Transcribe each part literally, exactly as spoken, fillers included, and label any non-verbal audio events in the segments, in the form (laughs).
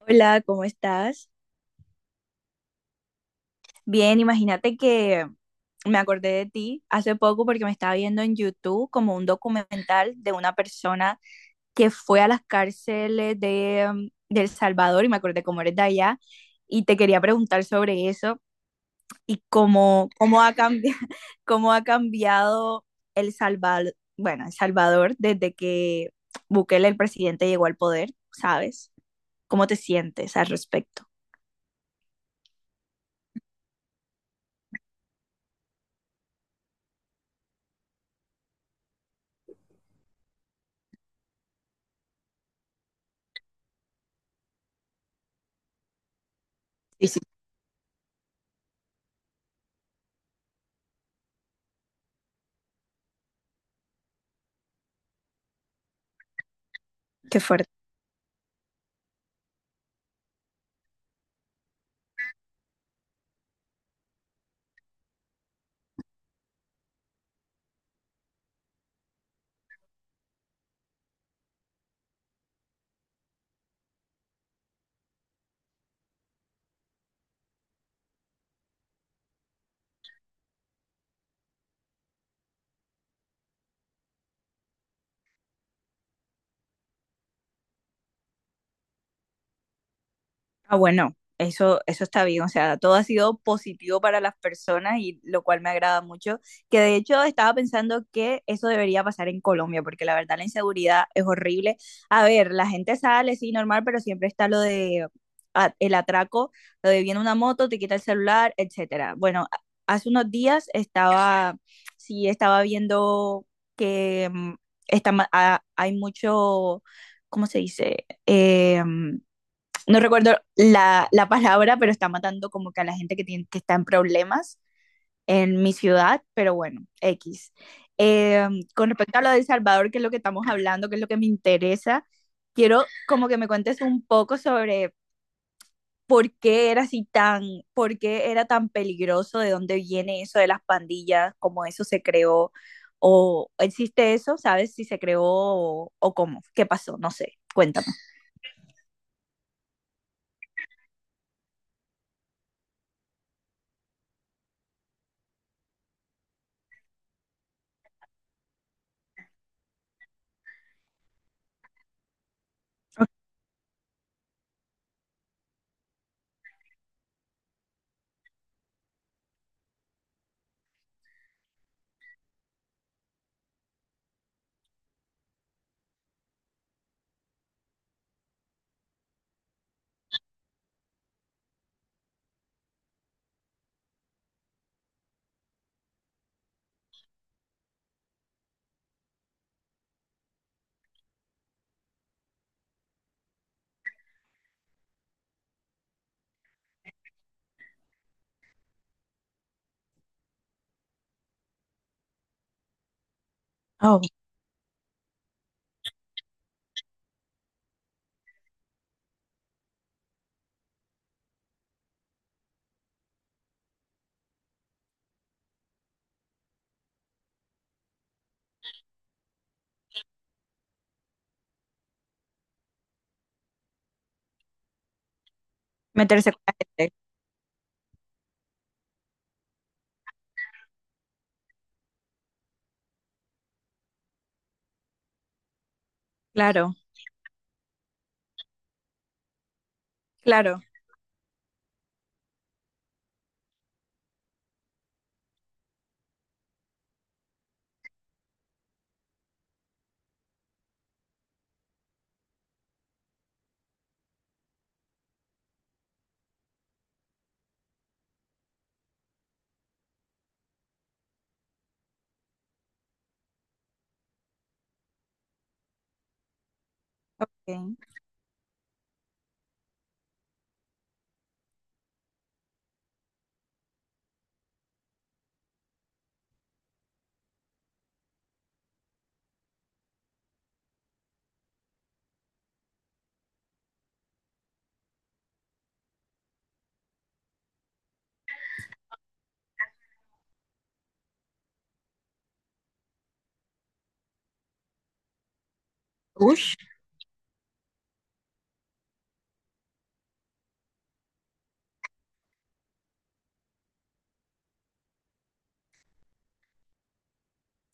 Hola, ¿cómo estás? Bien, imagínate que me acordé de ti hace poco porque me estaba viendo en YouTube como un documental de una persona que fue a las cárceles de, mm, de El Salvador y me acordé cómo eres de allá y te quería preguntar sobre eso y cómo, cómo ha cambiado, (laughs) cómo ha cambiado El Salvador, bueno, El Salvador desde que Bukele, el presidente, llegó al poder, ¿sabes? ¿Cómo te sientes al respecto? Sí, sí. Qué fuerte. Ah, bueno, eso, eso está bien, o sea, todo ha sido positivo para las personas y lo cual me agrada mucho, que de hecho estaba pensando que eso debería pasar en Colombia, porque la verdad la inseguridad es horrible. A ver, la gente sale, sí, normal, pero siempre está lo de a- el atraco, lo de viene una moto, te quita el celular, etcétera. Bueno, a- hace unos días estaba, sí, estaba viendo que mm, está, ma- ha- hay mucho, ¿cómo se dice? Em, no recuerdo la, la palabra, pero está matando como que a la gente que, tiene, que está en problemas en mi ciudad, pero bueno, X. Eh, con respecto a lo de El Salvador, que es lo que estamos hablando, que es lo que me interesa, quiero como que me cuentes un poco sobre por qué era así tan, por qué era tan peligroso, de dónde viene eso de las pandillas, cómo eso se creó, o existe eso, ¿sabes? Si se creó o, o cómo, qué pasó, no sé, cuéntame. Oh, meterse con la gente, claro, claro. Ok. Ush.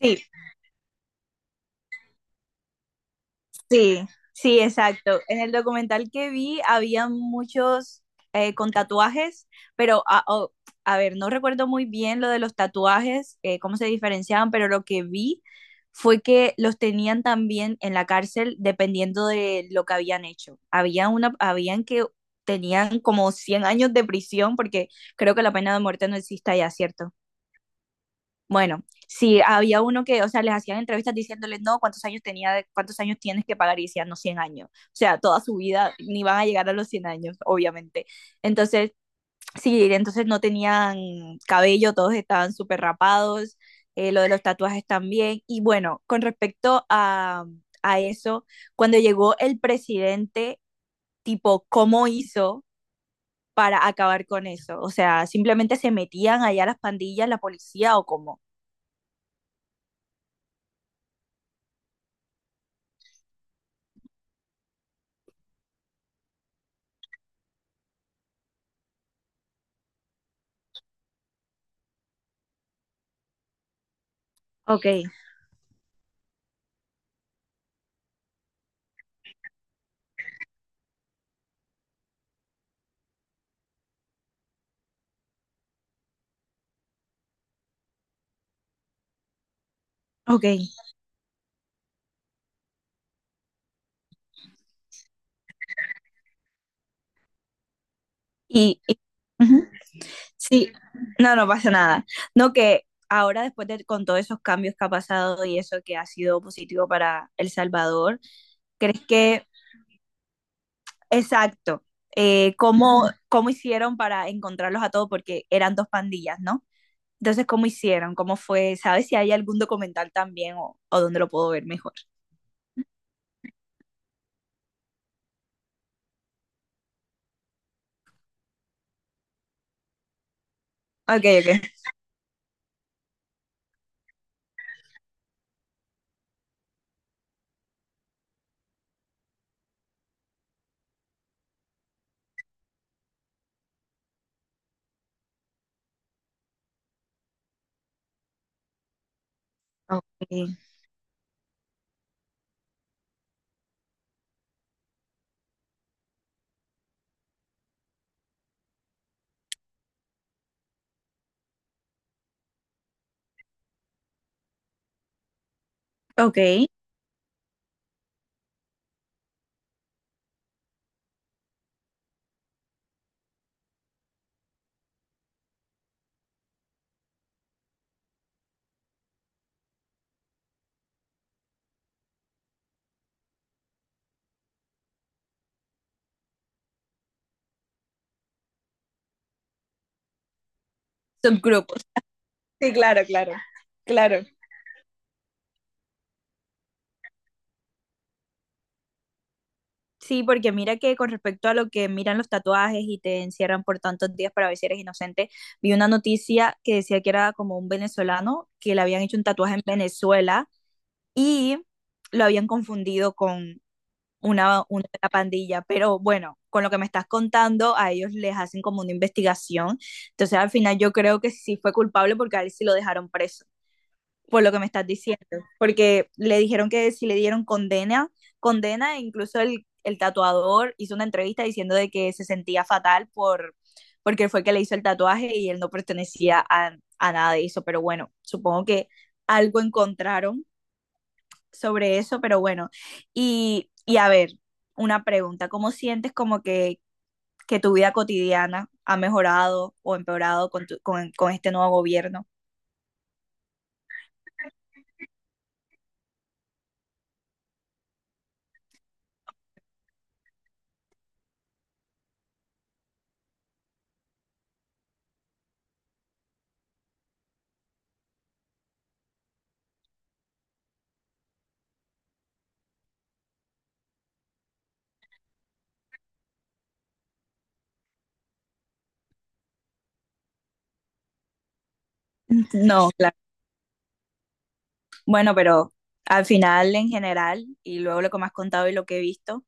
Sí, sí, sí, exacto. En el documental que vi había muchos eh, con tatuajes, pero a, o- a ver, no recuerdo muy bien lo de los tatuajes, eh, cómo se diferenciaban, pero lo que vi fue que los tenían también en la cárcel dependiendo de lo que habían hecho. Había una, habían que tenían como cien años de prisión, porque creo que la pena de muerte no existe allá, ¿cierto? Bueno, sí, había uno que, o sea, les hacían entrevistas diciéndoles, no, ¿cuántos años tenía, de- cuántos años tienes que pagar? Y decían, no, cien años. O sea, toda su vida ni van a llegar a los cien años, obviamente. Entonces, sí, entonces no tenían cabello, todos estaban súper rapados, eh, lo de los tatuajes también. Y bueno, con respecto a, a eso, cuando llegó el presidente, tipo, ¿cómo hizo? Para acabar con eso. O sea, simplemente se metían allá las pandillas, la policía o cómo. Ok, ok. Y, y- ujú. Sí, no, no pasa nada. No que ahora después de con todos esos cambios que ha pasado y eso que ha sido positivo para El Salvador, ¿crees que, exacto, eh, cómo, ujú, cómo hicieron para encontrarlos a todos? Porque eran dos pandillas, ¿no? Entonces, ¿cómo hicieron? ¿Cómo fue? ¿Sabes si hay algún documental también o, o dónde lo puedo ver mejor? Ok, ok. Ok. Ok. Subgrupos. Sí, claro, claro. Claro. Sí, porque mira que con respecto a lo que miran los tatuajes y te encierran por tantos días para ver si eres inocente, vi una noticia que decía que era como un venezolano que le habían hecho un tatuaje en Venezuela y lo habían confundido con una, una pandilla. Pero bueno, con lo que me estás contando, a ellos les hacen como una investigación. Entonces al final yo creo que sí fue culpable porque a él sí lo dejaron preso por lo que me estás diciendo, porque le dijeron que si le dieron condena, condena, e incluso el, el tatuador hizo una entrevista diciendo de que se sentía fatal por porque fue el que le hizo el tatuaje y él no pertenecía a, a nada de eso, pero bueno, supongo que algo encontraron sobre eso, pero bueno, y, y a ver, una pregunta, ¿cómo sientes como que, que tu vida cotidiana ha mejorado o empeorado con, tu- con, con este nuevo gobierno? (laughs) No, claro. Bueno, pero al final en general, y luego lo que me has contado y lo que he visto,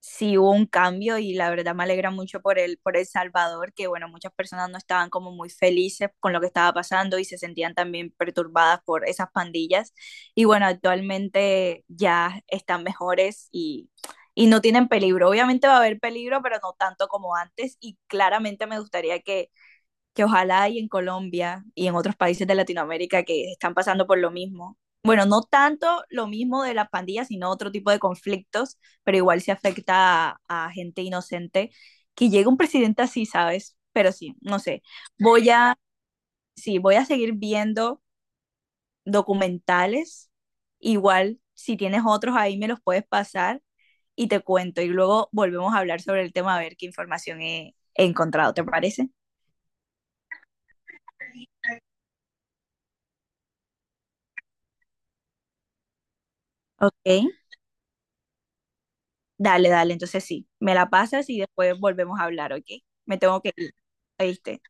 sí hubo un cambio y la verdad me alegra mucho por el, por El Salvador, que bueno, muchas personas no estaban como muy felices con lo que estaba pasando y se sentían también perturbadas por esas pandillas. Y bueno, actualmente ya están mejores y, y no tienen peligro. Obviamente va a haber peligro, pero no tanto como antes y claramente me gustaría que que ojalá hay en Colombia y en otros países de Latinoamérica que están pasando por lo mismo. Bueno, no tanto lo mismo de las pandillas, sino otro tipo de conflictos, pero igual se afecta a, a gente inocente. Que llegue un presidente así, ¿sabes? Pero sí, no sé. Voy a, sí, voy a seguir viendo documentales. Igual, si tienes otros ahí, me los puedes pasar y te cuento. Y luego volvemos a hablar sobre el tema, a ver qué información he, he encontrado, ¿te parece? Ok. Dale, dale, entonces sí, me la pasas y después volvemos a hablar, ¿ok? Me tengo que ir, ¿oíste?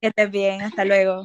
Que estés bien, hasta luego.